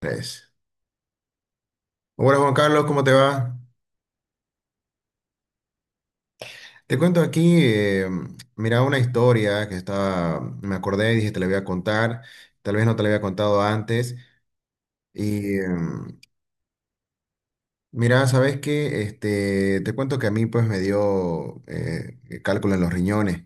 Tres. Hola Juan Carlos, ¿cómo te va? Te cuento aquí, mira, una historia que estaba, me acordé y dije te la voy a contar, tal vez no te la había contado antes. Y eh, mira, ¿sabes qué? Este, te cuento que a mí pues me dio cálculo en los riñones.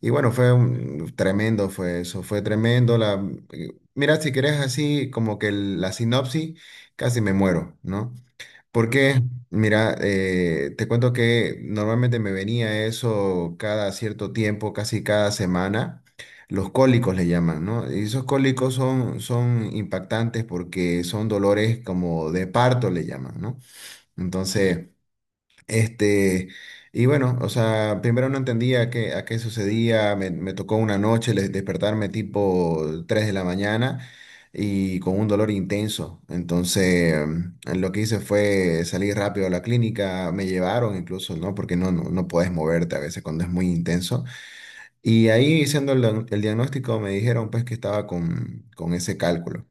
Y bueno, tremendo, fue eso, fue tremendo. Mira, si querés así como que la sinopsis, casi me muero, ¿no? Porque, mira, te cuento que normalmente me venía eso cada cierto tiempo, casi cada semana. Los cólicos le llaman, ¿no? Y esos cólicos son, son impactantes porque son dolores como de parto le llaman, ¿no? Entonces, este, y bueno, o sea, primero no entendía qué, a qué sucedía, me tocó una noche despertarme tipo 3 de la mañana y con un dolor intenso. Entonces, lo que hice fue salir rápido a la clínica, me llevaron incluso, ¿no? Porque no, no, no puedes moverte a veces cuando es muy intenso. Y ahí, haciendo el diagnóstico, me dijeron pues que estaba con ese cálculo.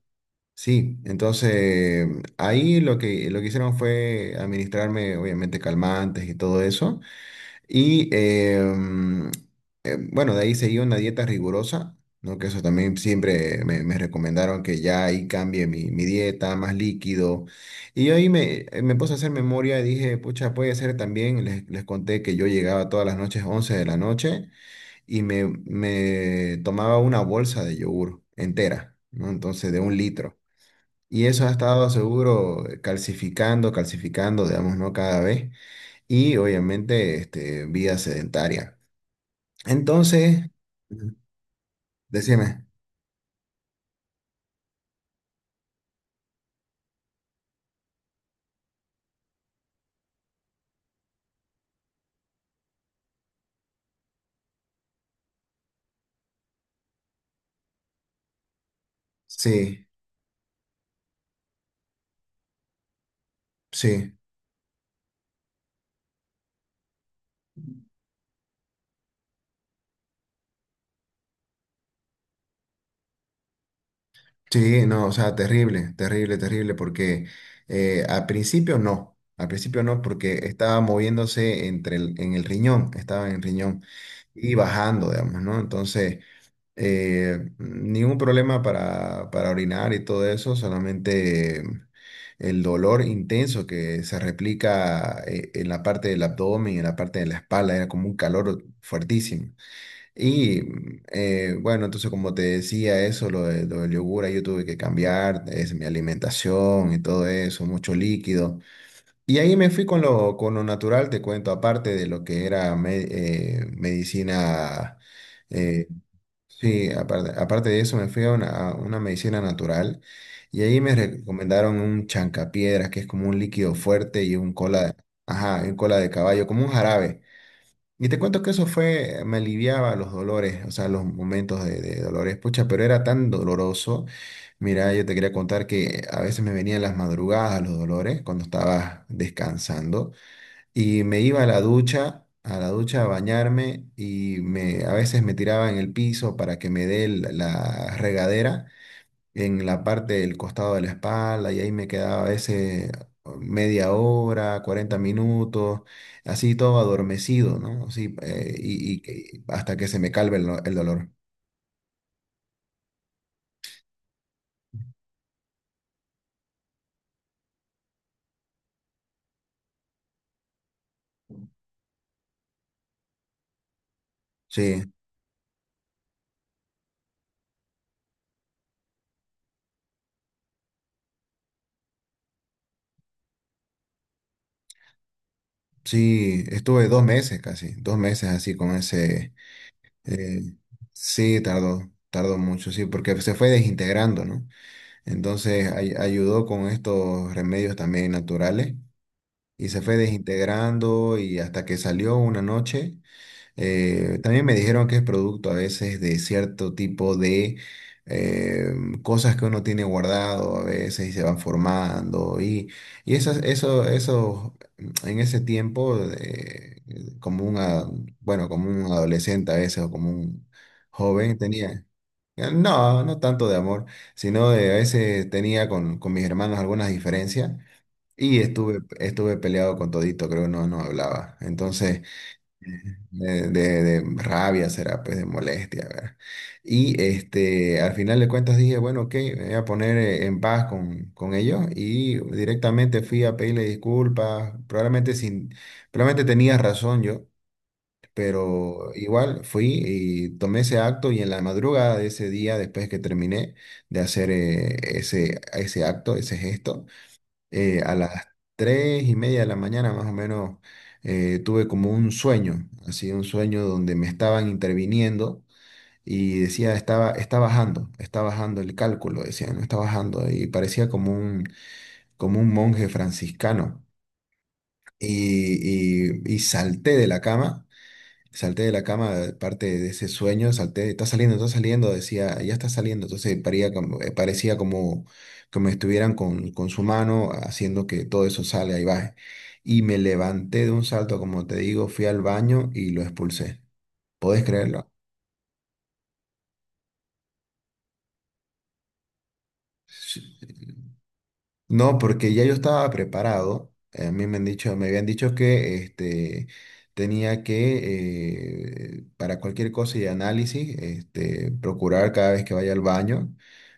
Sí, entonces ahí lo que hicieron fue administrarme, obviamente, calmantes y todo eso. Y bueno, de ahí seguí una dieta rigurosa, ¿no? Que eso también siempre me, me recomendaron que ya ahí cambie mi, mi dieta, más líquido. Y yo ahí me, me puse a hacer memoria y dije, pucha, puede ser también, les conté que yo llegaba todas las noches, 11 de la noche, y me tomaba una bolsa de yogur entera, ¿no? Entonces, de un litro. Y eso ha estado seguro calcificando, calcificando, digamos, ¿no? Cada vez. Y obviamente, este, vida sedentaria. Entonces, Ujú. Decime, sí, sí, sí, no, o sea, terrible, terrible, terrible, porque al principio no, porque estaba moviéndose entre en el riñón, estaba en el riñón y bajando, digamos, ¿no? Entonces... ningún problema para orinar y todo eso, solamente el dolor intenso que se replica en la parte del abdomen, en la parte de la espalda, era como un calor fuertísimo. Y bueno, entonces como te decía eso, lo, lo del yogur, ahí yo tuve que cambiar es, mi alimentación y todo eso, mucho líquido. Y ahí me fui con lo natural, te cuento, aparte de lo que era medicina. eh, Sí, aparte, aparte de eso me fui a una medicina natural y ahí me recomendaron un chancapiedras, que es como un líquido fuerte y un cola de, ajá, un cola de caballo, como un jarabe. Y te cuento que eso fue, me aliviaba los dolores, o sea, los momentos de dolores, pucha, pero era tan doloroso. Mira, yo te quería contar que a veces me venían las madrugadas los dolores cuando estaba descansando. Y me iba a la ducha, a la ducha a bañarme y me, a veces me tiraba en el piso para que me dé la regadera en la parte del costado de la espalda y ahí me quedaba a veces media hora, 40 minutos, así todo adormecido, ¿no? Así, y, hasta que se me calme el, el dolor. Sí, sí, estuve 2 meses casi, 2 meses así con ese... eh, sí, tardó, tardó mucho, sí, porque se fue desintegrando, ¿no? Entonces ayudó con estos remedios también naturales y se fue desintegrando y hasta que salió una noche. También me dijeron que es producto a veces de cierto tipo de eh, cosas que uno tiene guardado a veces y se van formando y esas, eso en ese tiempo como una, bueno, como un adolescente a veces o como un joven tenía. No, no tanto de amor, sino de a veces tenía con mis hermanos algunas diferencias y estuve, estuve peleado con todito, creo que no, no hablaba. Entonces, de, de rabia será, pues de molestia, ¿verdad? Y este, al final de cuentas dije, bueno, ok, me voy a poner en paz con ellos y directamente fui a pedirle disculpas, probablemente sin, probablemente tenía razón yo, pero igual fui y tomé ese acto y en la madrugada de ese día, después que terminé de hacer ese, ese acto, ese gesto, a las 3:30 de la mañana más o menos tuve como un sueño, así un sueño donde me estaban interviniendo y decía, estaba, está bajando el cálculo, decía, no está bajando y parecía como un monje franciscano. Y, y salté de la cama. Salté de la cama, parte de ese sueño, salté, está saliendo, decía, ya está saliendo. Entonces parecía como que me estuvieran con su mano haciendo que todo eso salga y baje. Y me levanté de un salto, como te digo, fui al baño y lo expulsé. ¿Podés creerlo? Sí. No, porque ya yo estaba preparado. A mí me han dicho, me habían dicho que este, tenía que, para cualquier cosa y análisis, este, procurar cada vez que vaya al baño,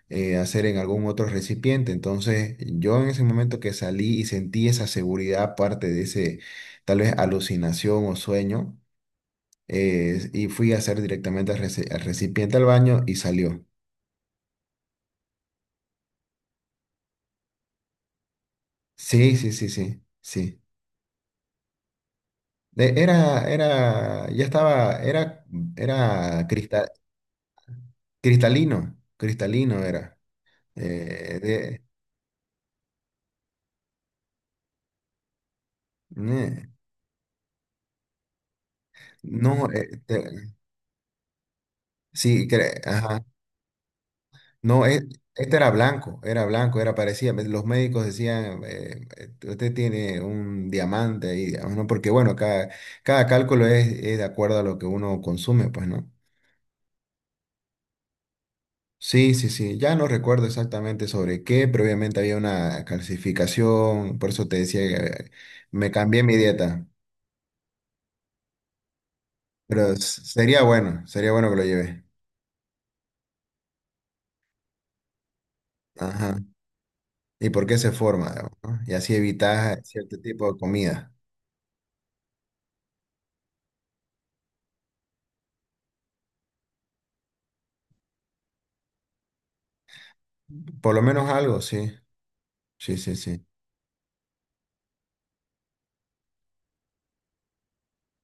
hacer en algún otro recipiente. Entonces, yo en ese momento que salí y sentí esa seguridad, aparte de ese, tal vez alucinación o sueño, y fui a hacer directamente al al recipiente al baño y salió. Sí, sí, sí, sí, sí. Ya estaba, era, era cristalino, cristalino era. De- eh, no, te- sí, cre- ajá. No, este era blanco, era blanco, era parecía. Los médicos decían, usted tiene un diamante ahí, digamos, ¿no? Porque bueno, cada, cada cálculo es de acuerdo a lo que uno consume, pues, ¿no? Sí, sí, sí, ya no recuerdo exactamente sobre qué, pero obviamente había una calcificación, por eso te decía que me cambié mi dieta, pero sería bueno que lo lleve. Ajá. ¿Y por qué se forma? Digamos, ¿no? Y así evitas cierto tipo de comida. Por lo menos algo, sí, sí, sí, sí.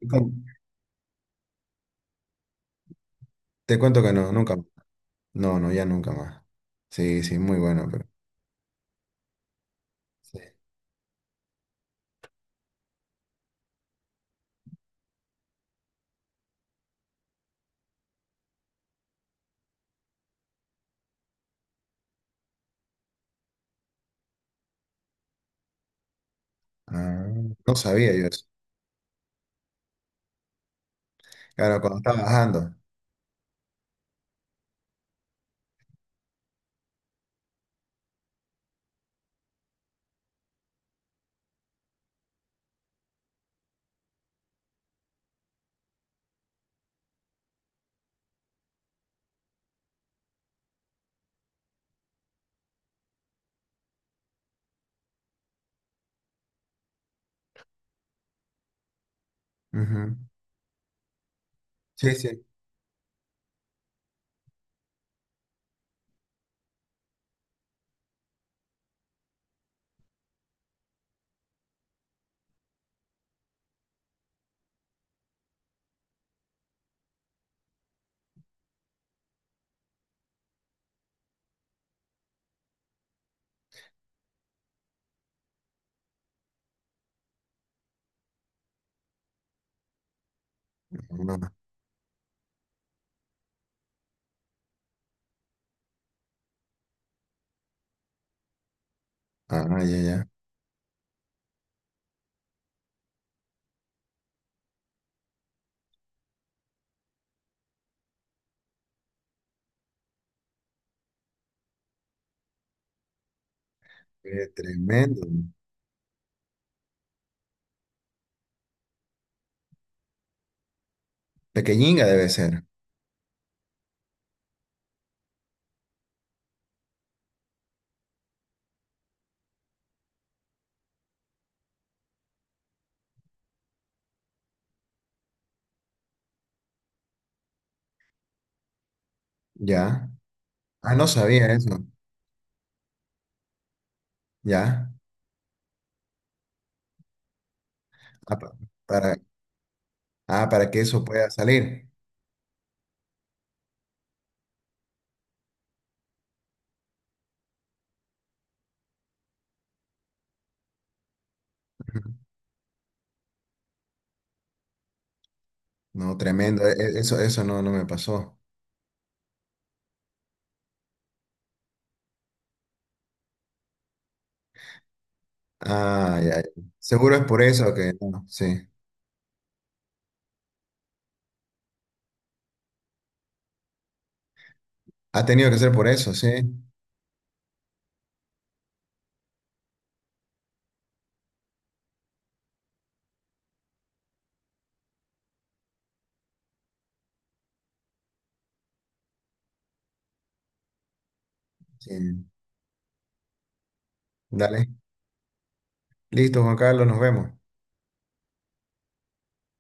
Y con- Te cuento que no, nunca más. No, no, ya nunca más. Sí, sí, muy bueno, pero... sí. Ah, no sabía yo eso. Claro, cuando estaba bajando. Ujú. Sí, sí. Ah, ah, ya, ya. Tremendo. Pequeñinga debe ser. Ya. Ah, no sabía eso. Ya. Ah, pa- para, ah, para que eso pueda salir. Ujú. No, tremendo. Eso, eso no, no me pasó. Ah, ya. Ya. Seguro es por eso que no, sí. Ha tenido que ser por eso, sí. Sí. Dale. Listo, Juan Carlos, nos vemos.